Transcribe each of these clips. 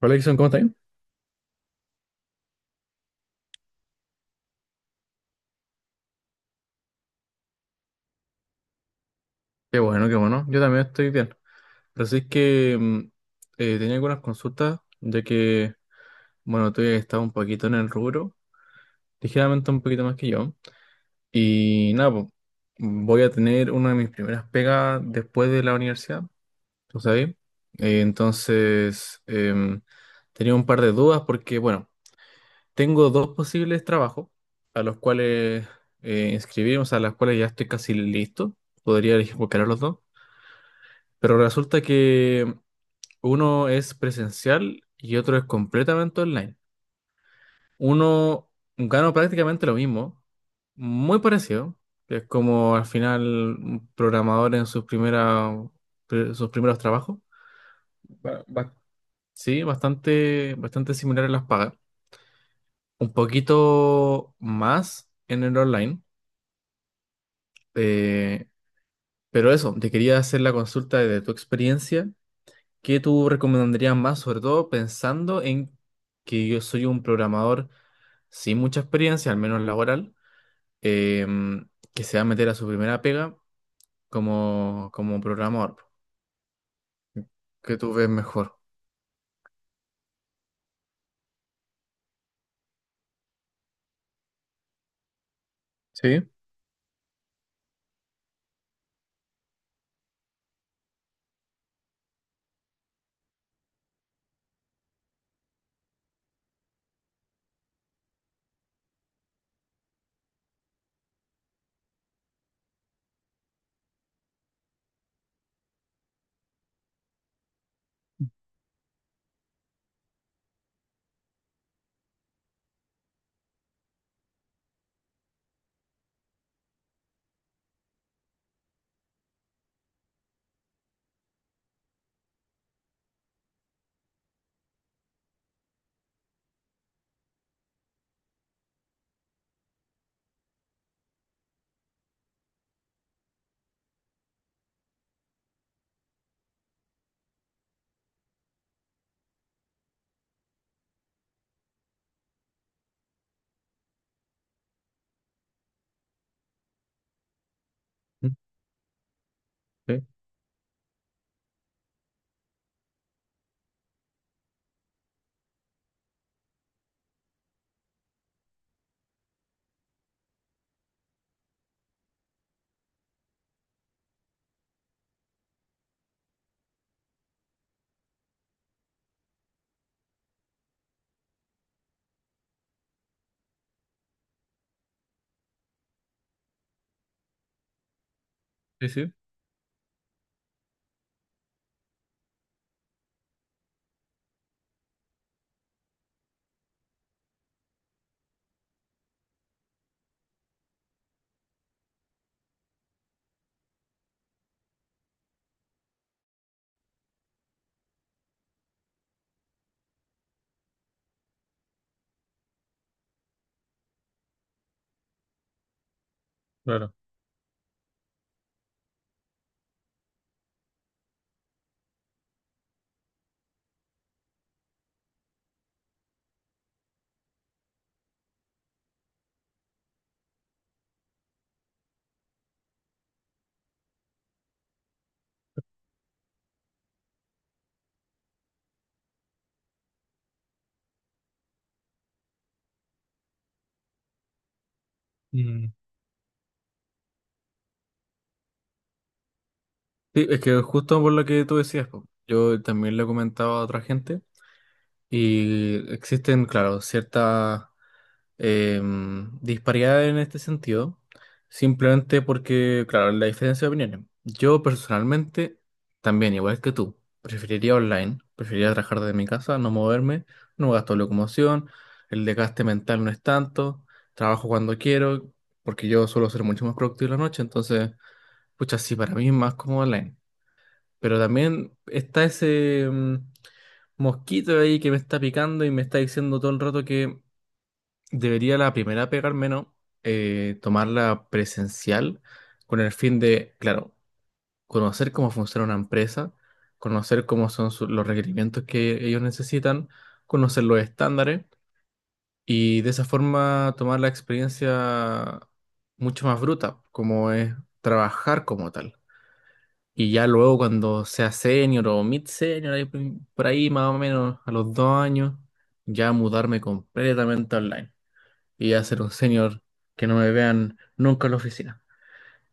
Hola, Jason, ¿cómo estás? Qué bueno, qué bueno. Yo también estoy bien. Así es que tenía algunas consultas, ya que, bueno, tú ya estás un poquito en el rubro, ligeramente un poquito más que yo. Y nada, po, voy a tener una de mis primeras pegas después de la universidad, tú sabes. Entonces, tenía un par de dudas porque, bueno, tengo dos posibles trabajos a los cuales inscribirme, o sea, a los cuales ya estoy casi listo. Podría elegir cualquiera de los dos. Pero resulta que uno es presencial y otro es completamente online. Uno gana prácticamente lo mismo, muy parecido, que es como al final un programador en sus primeras, sus primeros trabajos. Ba- ba- sí, bastante similar en las pagas. Un poquito más en el online. eh, pero eso, te quería hacer la consulta de tu experiencia. ¿Qué tú recomendarías más, sobre todo pensando en que yo soy un programador sin mucha experiencia, al menos laboral, que se va a meter a su primera pega como, como programador? ¿Qué tú ves mejor? Sí, mm, sí, sí, sí, claro. Mm. Sí, es que justo por lo que tú decías, po, yo también lo he comentado a otra gente y existen, claro, ciertas eh, disparidad en este sentido, simplemente porque, claro, la diferencia de opiniones. Yo personalmente, también, igual que tú, preferiría online, preferiría trabajar desde mi casa, no moverme, no gasto locomoción, el desgaste mental no es tanto, trabajo cuando quiero, porque yo suelo ser mucho más productivo en la noche, entonces, pucha, sí, para mí es más cómodo online. Pero también está ese mm, mosquito ahí que me está picando y me está diciendo todo el rato que debería la primera pegar menos, tomarla presencial con el fin de, claro, conocer cómo funciona una empresa, conocer cómo son los requerimientos que ellos necesitan, conocer los estándares y de esa forma tomar la experiencia mucho más bruta, como es trabajar como tal. Y ya luego cuando sea senior o mid senior, ahí por ahí más o menos a los 2 años, ya mudarme completamente online y ya ser un senior que no me vean nunca en la oficina.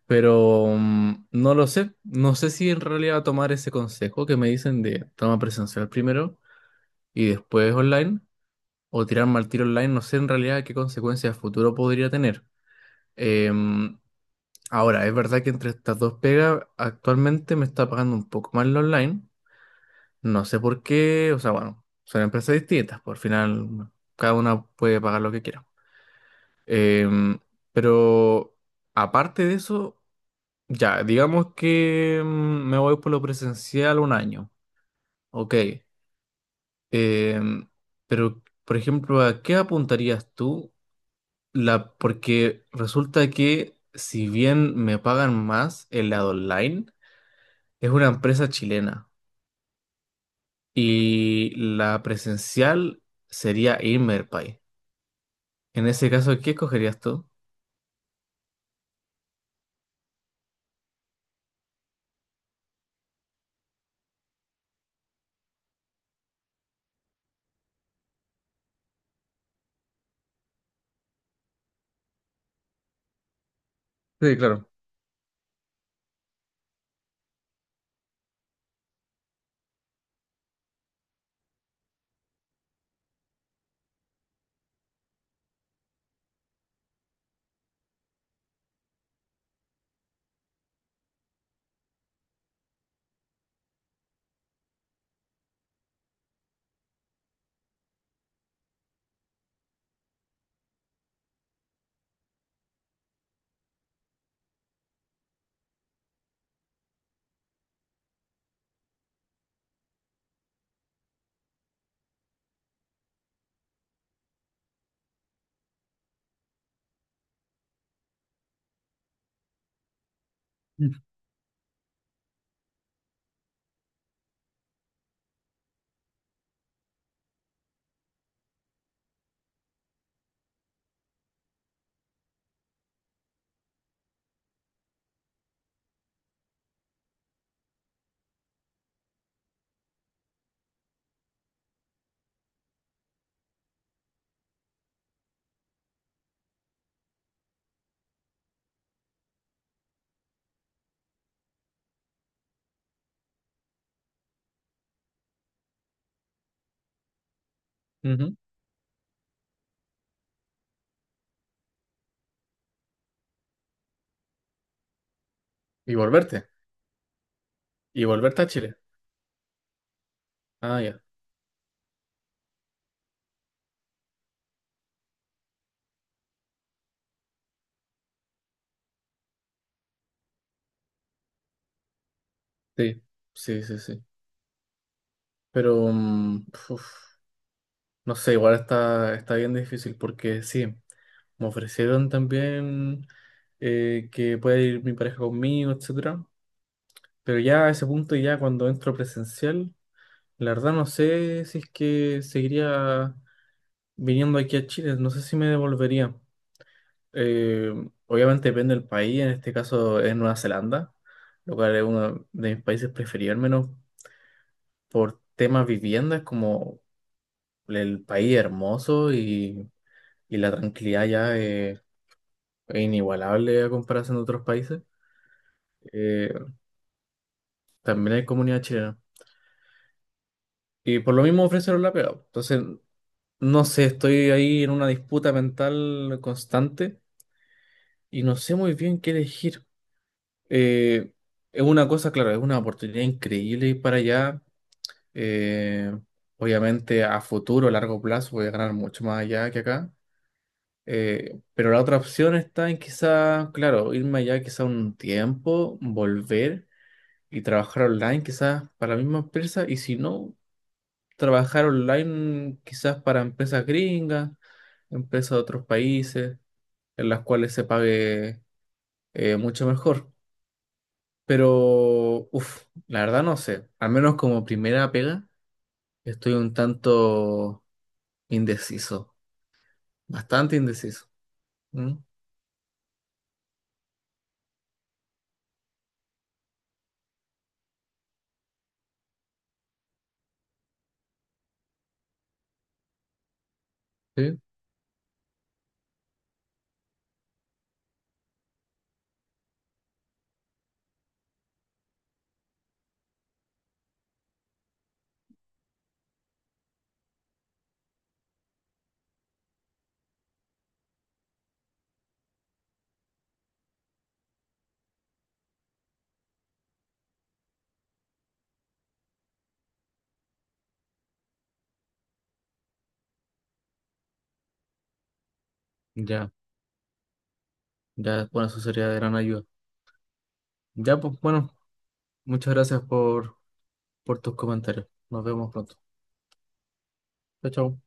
Pero mm, no lo sé, no sé si en realidad tomar ese consejo que me dicen de toma presencial primero y después online o tirarme al tiro online, no sé en realidad qué consecuencias a futuro podría tener. Em, Ahora, es verdad que entre estas dos pegas actualmente me está pagando un poco más lo online, no sé por qué, o sea, bueno, son empresas distintas, por final cada una puede pagar lo que quiera. Em, pero aparte de eso, ya, digamos que mm, me voy por lo presencial un año, ok. Em, pero, por ejemplo, ¿a qué apuntarías tú? La, porque resulta que si bien me pagan más el lado online, es una empresa chilena y la presencial sería Inmerpay. En ese caso, ¿qué escogerías tú? Sí, claro. Mm. Ujú. Y volverte. Y volverte a Chile. Ah, ya. Sí, sí, sí, sí. Pero, mm, uf, no sé, igual está, está bien difícil porque sí, me ofrecieron también que pueda ir mi pareja conmigo, etcétera. Pero ya a ese punto, ya cuando entro presencial, la verdad no sé si es que seguiría viniendo aquí a Chile, no sé si me devolvería. Eh, Obviamente depende del país, en este caso es Nueva Zelanda, lo cual es uno de mis países preferidos, al menos por temas viviendas, como el país hermoso y la tranquilidad ya es inigualable a comparación de otros países. Eh, También hay comunidad chilena. Y por lo mismo ofrecieron la pega. Entonces, no sé, estoy ahí en una disputa mental constante y no sé muy bien qué elegir. Eh, es una cosa, claro, es una oportunidad increíble ir para allá. Eh, Obviamente a futuro, a largo plazo, voy a ganar mucho más allá que acá. Pero la otra opción está en quizá, claro, irme allá quizá un tiempo, volver y trabajar online quizás para la misma empresa y si no, trabajar online quizás para empresas gringas, empresas de otros países en las cuales se pague mucho mejor. Pero, uff, la verdad no sé, al menos como primera pega estoy un tanto indeciso, bastante indeciso. ¿Mm? Sí, ya, ya, bueno, eso sería de gran ayuda. Ya, pues bueno, muchas gracias por tus comentarios. Nos vemos pronto. Chao, chao.